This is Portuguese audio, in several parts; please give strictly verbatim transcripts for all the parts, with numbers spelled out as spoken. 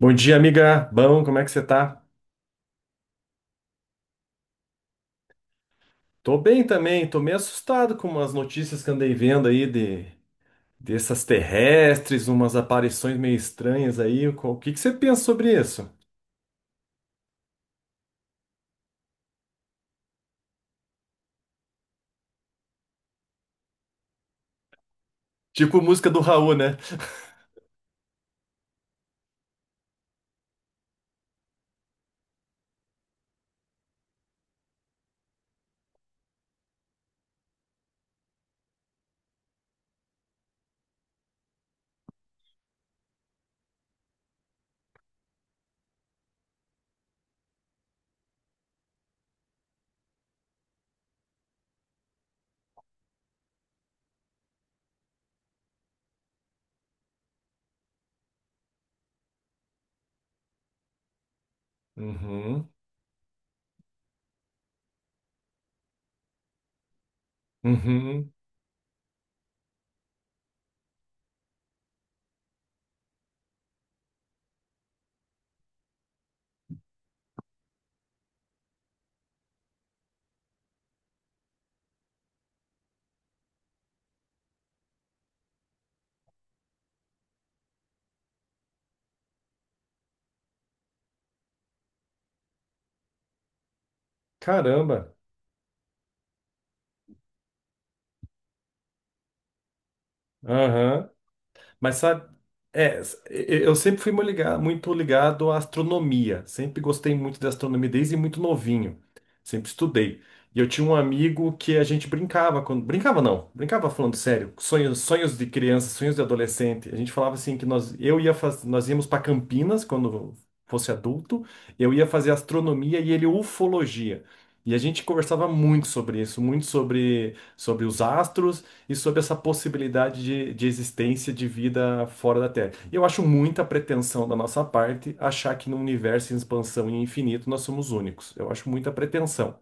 Bom dia, amiga. Bom, como é que você tá? Tô bem também, tô meio assustado com umas notícias que andei vendo aí de dessas terrestres, umas aparições meio estranhas aí. Qual- O que que você pensa sobre isso? Tipo música do Raul, né? Uhum, uhum. Caramba. Aham. Mas sabe, é, s- e- eu sempre fui mu- liga- muito ligado à astronomia. Sempre gostei muito da astronomia desde muito novinho. Sempre estudei. E eu tinha um amigo que a gente brincava, quando brincava não, brincava falando sério, sonhos, sonhos de criança, sonhos de adolescente. A gente falava assim que nós eu ia faz, nós íamos para Campinas quando fosse adulto, eu ia fazer astronomia e ele ufologia. E a gente conversava muito sobre isso, muito sobre sobre os astros e sobre essa possibilidade de, de existência de vida fora da Terra. E eu acho muita pretensão da nossa parte achar que num universo em expansão e infinito nós somos únicos. Eu acho muita pretensão.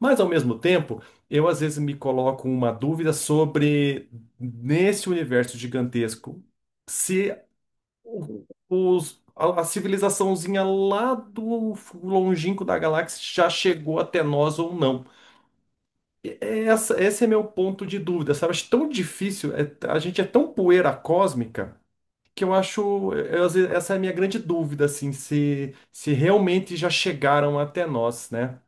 Mas, ao mesmo tempo, eu às vezes me coloco uma dúvida sobre, nesse universo gigantesco, se o- os, a, a civilizaçãozinha lá do longínquo da galáxia já chegou até nós ou não. Essa, esse é meu ponto de dúvida, sabe? Acho tão difícil, é- a gente é tão poeira cósmica que eu acho, eu, às vezes, essa é a minha grande dúvida, assim, se, se realmente já chegaram até nós, né?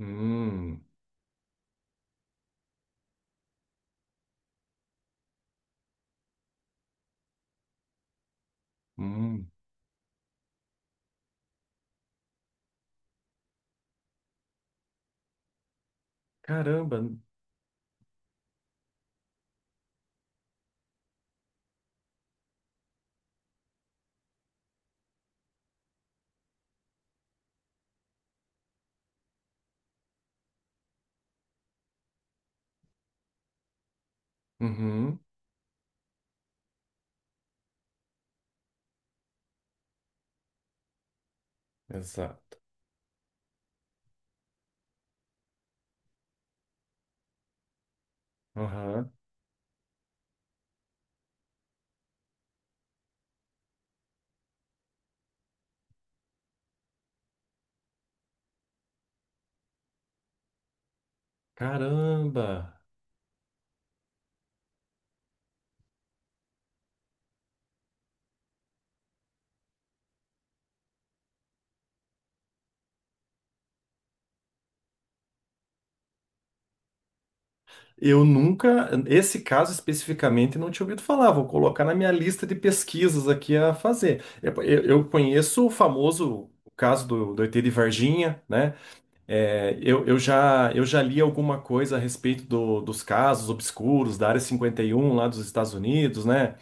Hum, hum, caramba. Uhum, exato. Aham. Caramba. Eu nunca, esse caso especificamente, não tinha ouvido falar. Vou colocar na minha lista de pesquisas aqui a fazer. Eu, eu- eu conheço o famoso caso do, do E T de Varginha, né? É, eu, eu já, eu já li alguma coisa a respeito do- dos casos obscuros da Área cinquenta e um lá dos Estados Unidos, né?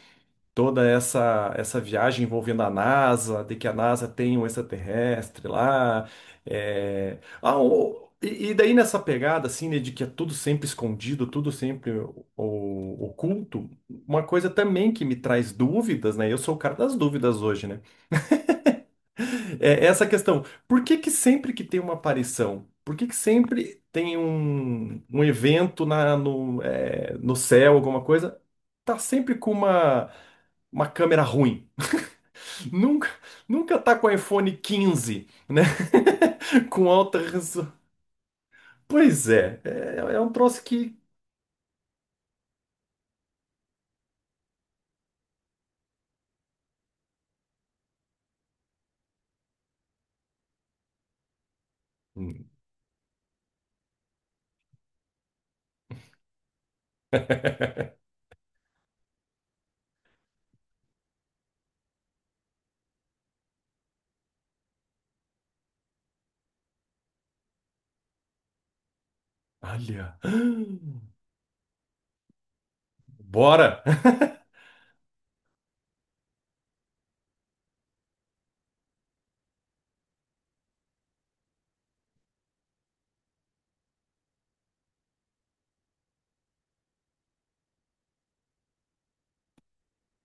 Toda essa, essa viagem envolvendo a NASA, de que a NASA tem um extraterrestre lá. É. Ah, o- e, e daí nessa pegada, assim, né, de que é tudo sempre escondido, tudo sempre o- o- oculto, uma coisa também que me traz dúvidas, né? Eu sou o cara das dúvidas hoje, né? É é essa questão. Por que que sempre que tem uma aparição, por que que sempre tem um, um evento na, no, é, no céu, alguma coisa, tá sempre com uma, uma câmera ruim? Nunca, nunca tá com o iPhone quinze, né? Com alta resolução. Pois é, é, é um troço que. Hum. Olha! Bora!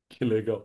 Que legal.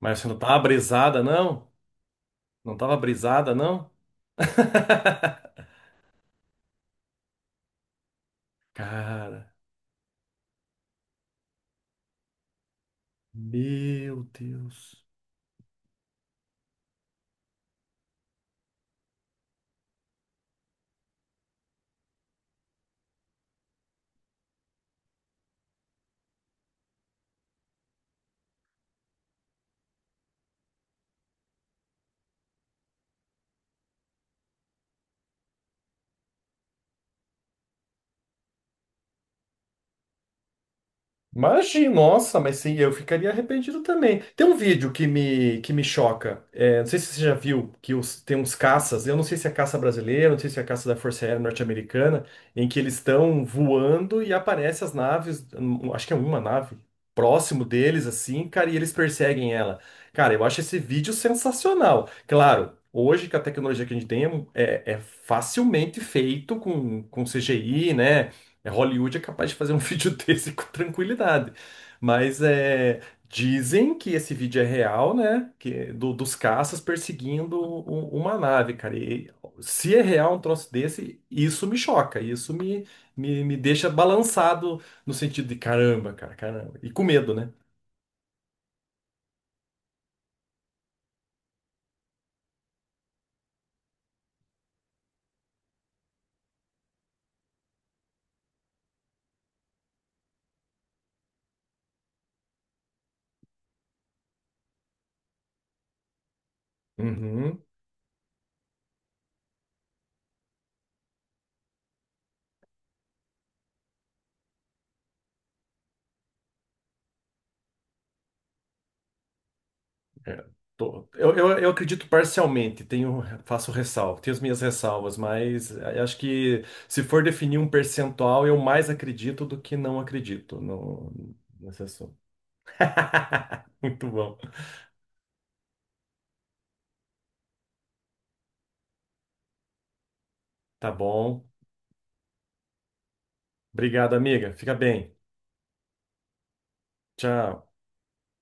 Mas você não tava brisada, não? Não tava brisada, não? Cara, meu Deus. Imagina, nossa, mas sim, eu ficaria arrependido também. Tem um vídeo que me, que me choca. É, não sei se você já viu que os- tem uns caças, eu não sei se é caça brasileira, não sei se é caça da Força Aérea Norte-Americana, em que eles estão voando e aparecem as naves, hum, acho que é uma nave, próximo deles, assim, cara, e eles perseguem ela. Cara, eu acho esse vídeo sensacional. Claro, hoje com a tecnologia que a gente tem é, é facilmente feito com, com C G I, né? É, Hollywood é capaz de fazer um vídeo desse com tranquilidade. Mas é, dizem que esse vídeo é real, né? Que, do- dos caças perseguindo u- uma nave, cara. E se é real um troço desse, isso me choca. Isso me, me, me deixa balançado no sentido de caramba, cara, caramba. E com medo, né? Uhum. É, tô- eu, eu, eu acredito parcialmente, tenho, faço ressalva, tenho as minhas ressalvas, mas a- acho que se for definir um percentual, eu mais acredito do que não acredito no, nesse assunto. Muito bom. Tá bom. Obrigado, amiga. Fica bem. Tchau.